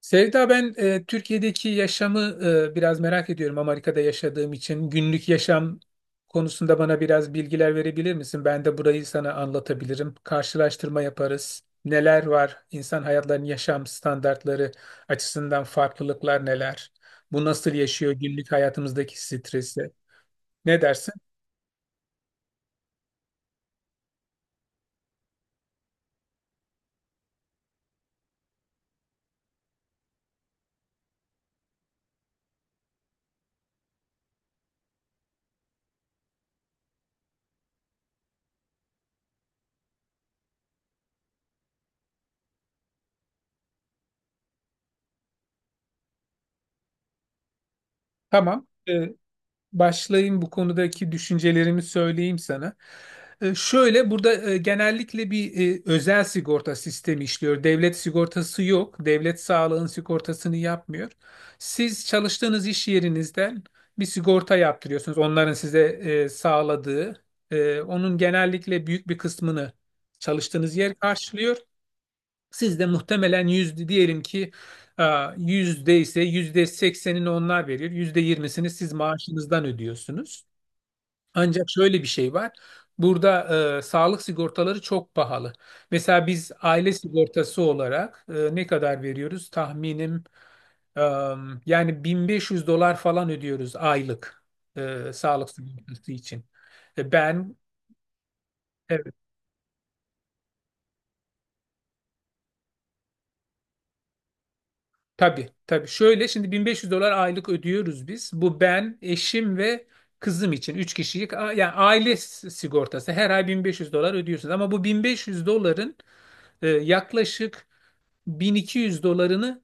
Sevda, ben Türkiye'deki yaşamı biraz merak ediyorum Amerika'da yaşadığım için. Günlük yaşam konusunda bana biraz bilgiler verebilir misin? Ben de burayı sana anlatabilirim. Karşılaştırma yaparız. Neler var? İnsan hayatlarının yaşam standartları açısından farklılıklar neler? Bu nasıl yaşıyor günlük hayatımızdaki stresi? Ne dersin? Tamam. Başlayayım bu konudaki düşüncelerimi söyleyeyim sana. Şöyle burada genellikle bir özel sigorta sistemi işliyor. Devlet sigortası yok. Devlet sağlığın sigortasını yapmıyor. Siz çalıştığınız iş yerinizden bir sigorta yaptırıyorsunuz. Onların size sağladığı, onun genellikle büyük bir kısmını çalıştığınız yer karşılıyor. Siz de muhtemelen yüzde diyelim ki, e, yüzde ise yüzde seksenini onlar verir. %20'sini siz maaşınızdan ödüyorsunuz. Ancak şöyle bir şey var. Burada sağlık sigortaları çok pahalı. Mesela biz aile sigortası olarak ne kadar veriyoruz? Tahminim, e, yani 1500 dolar falan ödüyoruz aylık sağlık sigortası için. E, ben Evet. Tabii, tabii. Şöyle şimdi 1500 dolar aylık ödüyoruz biz. Bu ben, eşim ve kızım için 3 kişilik yani aile sigortası. Her ay 1500 dolar ödüyorsunuz ama bu 1500 doların yaklaşık 1200 dolarını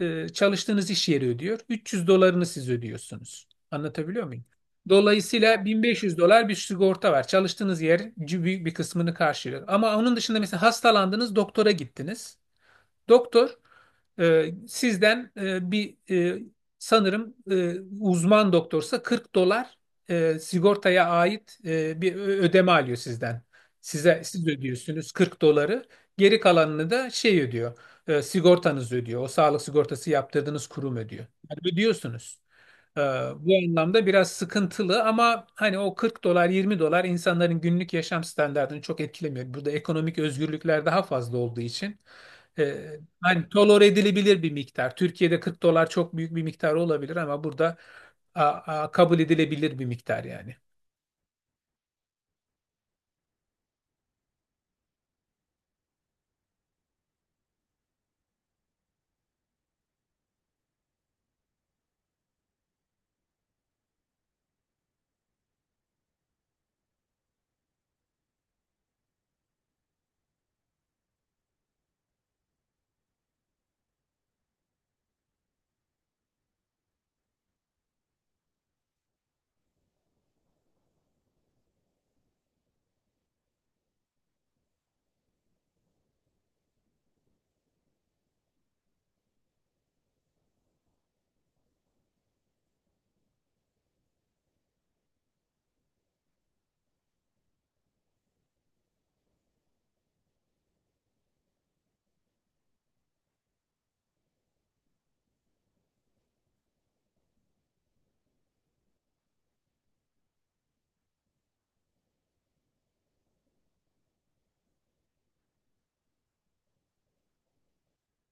çalıştığınız iş yeri ödüyor. 300 dolarını siz ödüyorsunuz. Anlatabiliyor muyum? Dolayısıyla 1500 dolar bir sigorta var. Çalıştığınız yer büyük bir kısmını karşılıyor. Ama onun dışında mesela hastalandınız, doktora gittiniz. Doktor sizden bir sanırım uzman doktorsa 40 dolar sigortaya ait bir ödeme alıyor sizden. Siz ödüyorsunuz 40 doları. Geri kalanını da şey ödüyor. Sigortanız ödüyor. O sağlık sigortası yaptırdığınız kurum ödüyor. Yani ödüyorsunuz. Ee, Bu anlamda biraz sıkıntılı ama hani o 40 dolar 20 dolar insanların günlük yaşam standartını çok etkilemiyor. Burada ekonomik özgürlükler daha fazla olduğu için, e, hani tolere edilebilir bir miktar. Türkiye'de 40 dolar çok büyük bir miktar olabilir ama burada kabul edilebilir bir miktar yani.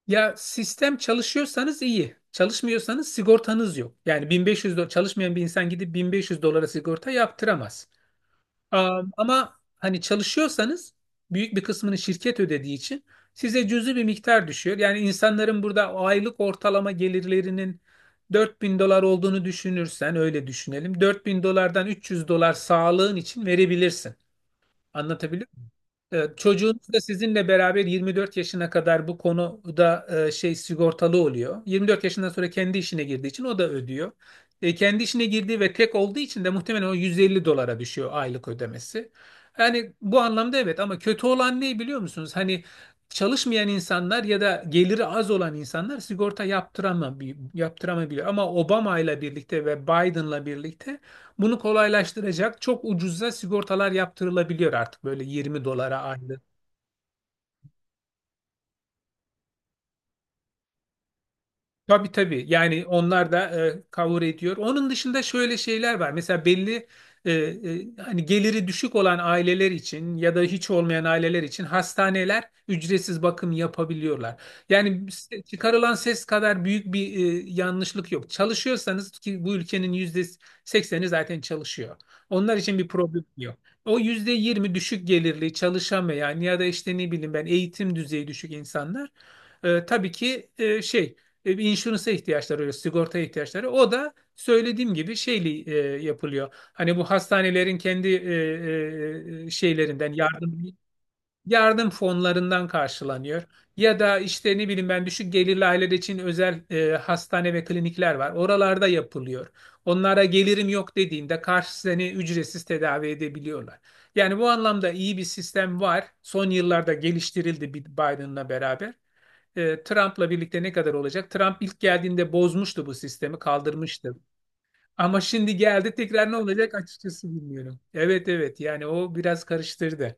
Ya sistem çalışıyorsanız iyi. Çalışmıyorsanız sigortanız yok. Yani 1500 çalışmayan bir insan gidip 1500 dolara sigorta yaptıramaz. Ama hani çalışıyorsanız büyük bir kısmını şirket ödediği için size cüzi bir miktar düşüyor. Yani insanların burada aylık ortalama gelirlerinin 4000 dolar olduğunu düşünürsen öyle düşünelim. 4000 dolardan 300 dolar sağlığın için verebilirsin. Anlatabiliyor Evet, çocuğunuz da sizinle beraber 24 yaşına kadar bu konuda şey sigortalı oluyor. 24 yaşından sonra kendi işine girdiği için o da ödüyor. Kendi işine girdiği ve tek olduğu için de muhtemelen o 150 dolara düşüyor aylık ödemesi. Yani bu anlamda evet ama kötü olan ne biliyor musunuz? Hani çalışmayan insanlar ya da geliri az olan insanlar sigorta yaptıramabiliyor. Ama Obama ile birlikte ve Biden'la birlikte bunu kolaylaştıracak çok ucuza sigortalar yaptırılabiliyor artık böyle 20 dolara aylık. Tabii tabii. Yani onlar da cover ediyor. Onun dışında şöyle şeyler var. Mesela belli hani geliri düşük olan aileler için ya da hiç olmayan aileler için hastaneler ücretsiz bakım yapabiliyorlar. Yani çıkarılan ses kadar büyük bir yanlışlık yok. Çalışıyorsanız ki bu ülkenin %80'i zaten çalışıyor. Onlar için bir problem yok. O %20 düşük gelirli çalışamayan ya da işte ne bileyim ben eğitim düzeyi düşük insanlar, tabii ki şey bir insurance'a ihtiyaçları oluyor, sigortaya ihtiyaçları. O da söylediğim gibi şeyli yapılıyor. Hani bu hastanelerin kendi şeylerinden yardım fonlarından karşılanıyor. Ya da işte ne bileyim ben düşük gelirli aileler için özel hastane ve klinikler var. Oralarda yapılıyor. Onlara gelirim yok dediğinde karşı seni ücretsiz tedavi edebiliyorlar. Yani bu anlamda iyi bir sistem var. Son yıllarda geliştirildi Biden'la beraber, Trump'la birlikte ne kadar olacak? Trump ilk geldiğinde bozmuştu bu sistemi, kaldırmıştı. Ama şimdi geldi tekrar ne olacak açıkçası bilmiyorum. Evet evet, yani o biraz karıştırdı.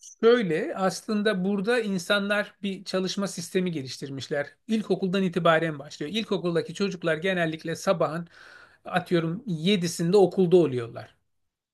Şöyle aslında burada insanlar bir çalışma sistemi geliştirmişler. İlkokuldan itibaren başlıyor. İlkokuldaki çocuklar genellikle sabahın atıyorum yedisinde okulda oluyorlar.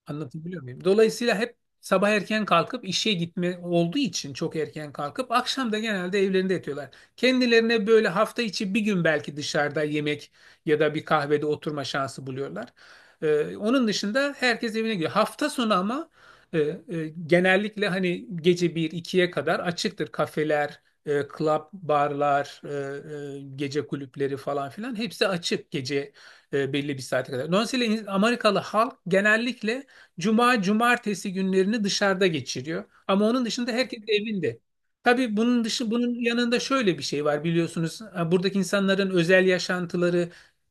Anlatabiliyor muyum? Dolayısıyla hep sabah erken kalkıp işe gitme olduğu için çok erken kalkıp akşam da genelde evlerinde yatıyorlar. Kendilerine böyle hafta içi bir gün belki dışarıda yemek ya da bir kahvede oturma şansı buluyorlar. Onun dışında herkes evine gidiyor. Hafta sonu ama e, e, genellikle hani gece bir ikiye kadar açıktır kafeler, club, barlar, gece kulüpleri falan filan hepsi açık gece, belli bir saate kadar. Dolayısıyla Amerikalı halk genellikle Cuma, cumartesi günlerini dışarıda geçiriyor. Ama onun dışında herkes evinde. Tabii bunun yanında şöyle bir şey var biliyorsunuz. Ha, buradaki insanların özel yaşantıları,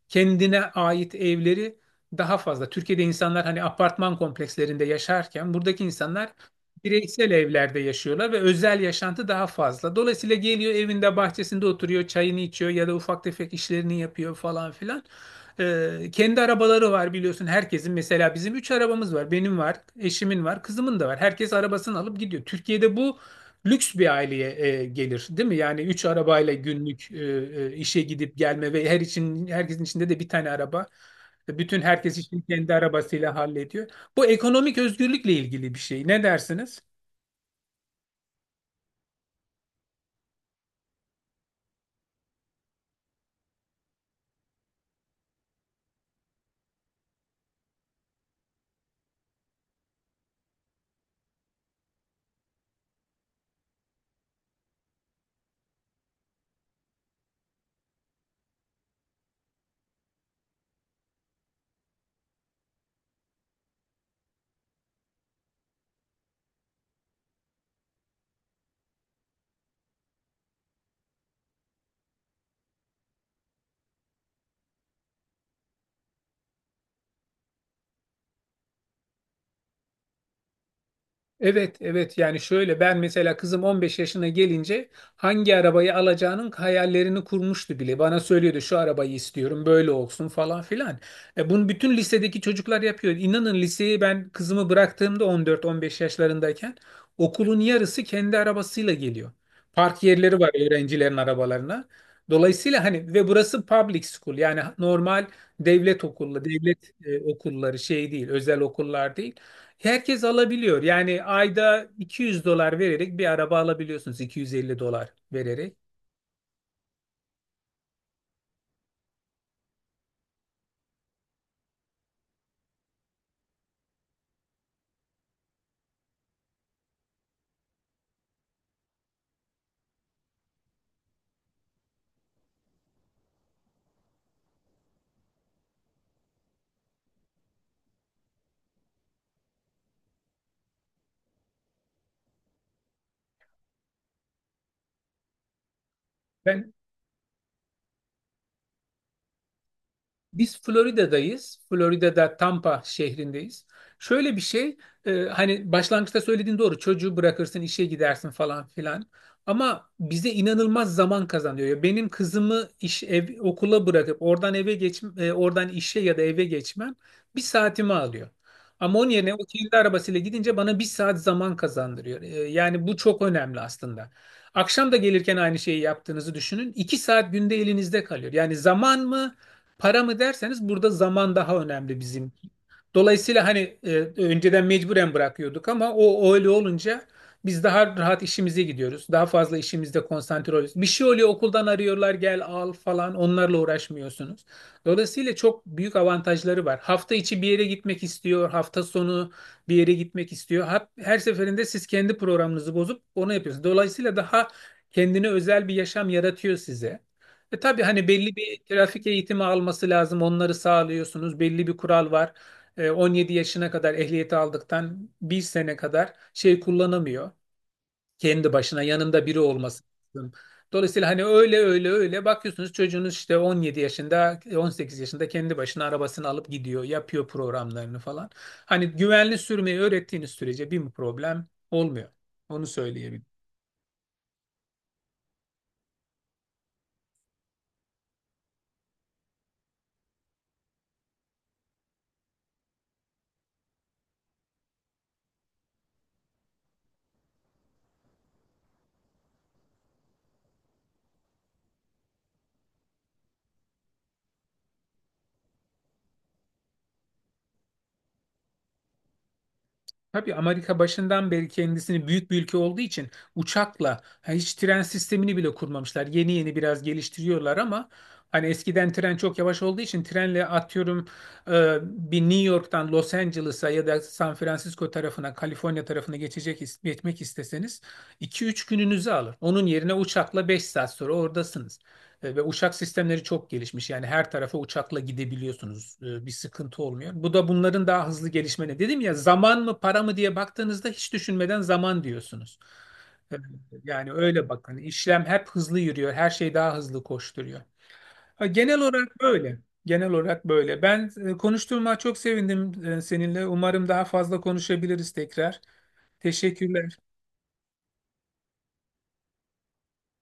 kendine ait evleri daha fazla. Türkiye'de insanlar hani apartman komplekslerinde yaşarken buradaki insanlar bireysel evlerde yaşıyorlar ve özel yaşantı daha fazla. Dolayısıyla geliyor evinde bahçesinde oturuyor, çayını içiyor ya da ufak tefek işlerini yapıyor falan filan. Kendi arabaları var biliyorsun herkesin. Mesela bizim 3 arabamız var. Benim var, eşimin var, kızımın da var. Herkes arabasını alıp gidiyor. Türkiye'de bu lüks bir aileye gelir, değil mi? Yani 3 arabayla günlük, işe gidip gelme ve her için herkesin içinde de bir tane araba. Bütün herkes için kendi arabasıyla hallediyor. Bu ekonomik özgürlükle ilgili bir şey. Ne dersiniz? Evet, evet. Yani şöyle ben mesela kızım 15 yaşına gelince hangi arabayı alacağının hayallerini kurmuştu bile. Bana söylüyordu şu arabayı istiyorum, böyle olsun falan filan. Bunu bütün lisedeki çocuklar yapıyor. İnanın liseyi ben kızımı bıraktığımda 14-15 yaşlarındayken okulun yarısı kendi arabasıyla geliyor. Park yerleri var öğrencilerin arabalarına. Dolayısıyla hani ve burası public school, yani normal devlet okulu, devlet okulları, şey değil, özel okullar değil. Herkes alabiliyor. Yani ayda 200 dolar vererek bir araba alabiliyorsunuz. 250 dolar vererek. Ben Biz Florida'dayız. Florida'da Tampa şehrindeyiz. Şöyle bir şey, hani başlangıçta söylediğin doğru. Çocuğu bırakırsın, işe gidersin falan filan. Ama bize inanılmaz zaman kazanıyor. Ya, benim kızımı iş, ev, okula bırakıp oradan eve geç, oradan işe ya da eve geçmem bir saatimi alıyor. Ama onun yerine o kendi arabasıyla gidince bana bir saat zaman kazandırıyor. Yani bu çok önemli aslında. Akşam da gelirken aynı şeyi yaptığınızı düşünün. 2 saat günde elinizde kalıyor. Yani zaman mı? Para mı derseniz burada zaman daha önemli bizim. Dolayısıyla hani, önceden mecburen bırakıyorduk ama o öyle olunca biz daha rahat işimize gidiyoruz. Daha fazla işimizde konsantre oluyoruz. Bir şey oluyor okuldan arıyorlar gel al falan onlarla uğraşmıyorsunuz. Dolayısıyla çok büyük avantajları var. Hafta içi bir yere gitmek istiyor, hafta sonu bir yere gitmek istiyor. Her seferinde siz kendi programınızı bozup onu yapıyorsunuz. Dolayısıyla daha kendine özel bir yaşam yaratıyor size. Tabii hani belli bir trafik eğitimi alması lazım. Onları sağlıyorsunuz. Belli bir kural var. 17 yaşına kadar ehliyeti aldıktan bir sene kadar şey kullanamıyor. Kendi başına yanında biri olması lazım. Dolayısıyla hani öyle öyle öyle bakıyorsunuz çocuğunuz işte 17 yaşında 18 yaşında kendi başına arabasını alıp gidiyor yapıyor programlarını falan. Hani güvenli sürmeyi öğrettiğiniz sürece bir problem olmuyor. Onu söyleyebilirim. Tabii Amerika başından beri kendisini büyük bir ülke olduğu için uçakla, ha, hiç tren sistemini bile kurmamışlar. Yeni yeni biraz geliştiriyorlar ama hani eskiden tren çok yavaş olduğu için trenle atıyorum, e, bir New York'tan Los Angeles'a ya da San Francisco tarafına, Kaliforniya tarafına geçecek geçmek isteseniz 2-3 gününüzü alır. Onun yerine uçakla 5 saat sonra oradasınız. Ve uçak sistemleri çok gelişmiş. Yani her tarafa uçakla gidebiliyorsunuz. Bir sıkıntı olmuyor. Bu da bunların daha hızlı gelişmeni. Dedim ya zaman mı para mı diye baktığınızda hiç düşünmeden zaman diyorsunuz. E, Yani öyle bakın. İşlem hep hızlı yürüyor. Her şey daha hızlı koşturuyor. Ha, genel olarak böyle. Genel olarak böyle. Ben konuştuğuma çok sevindim, seninle. Umarım daha fazla konuşabiliriz tekrar. Teşekkürler.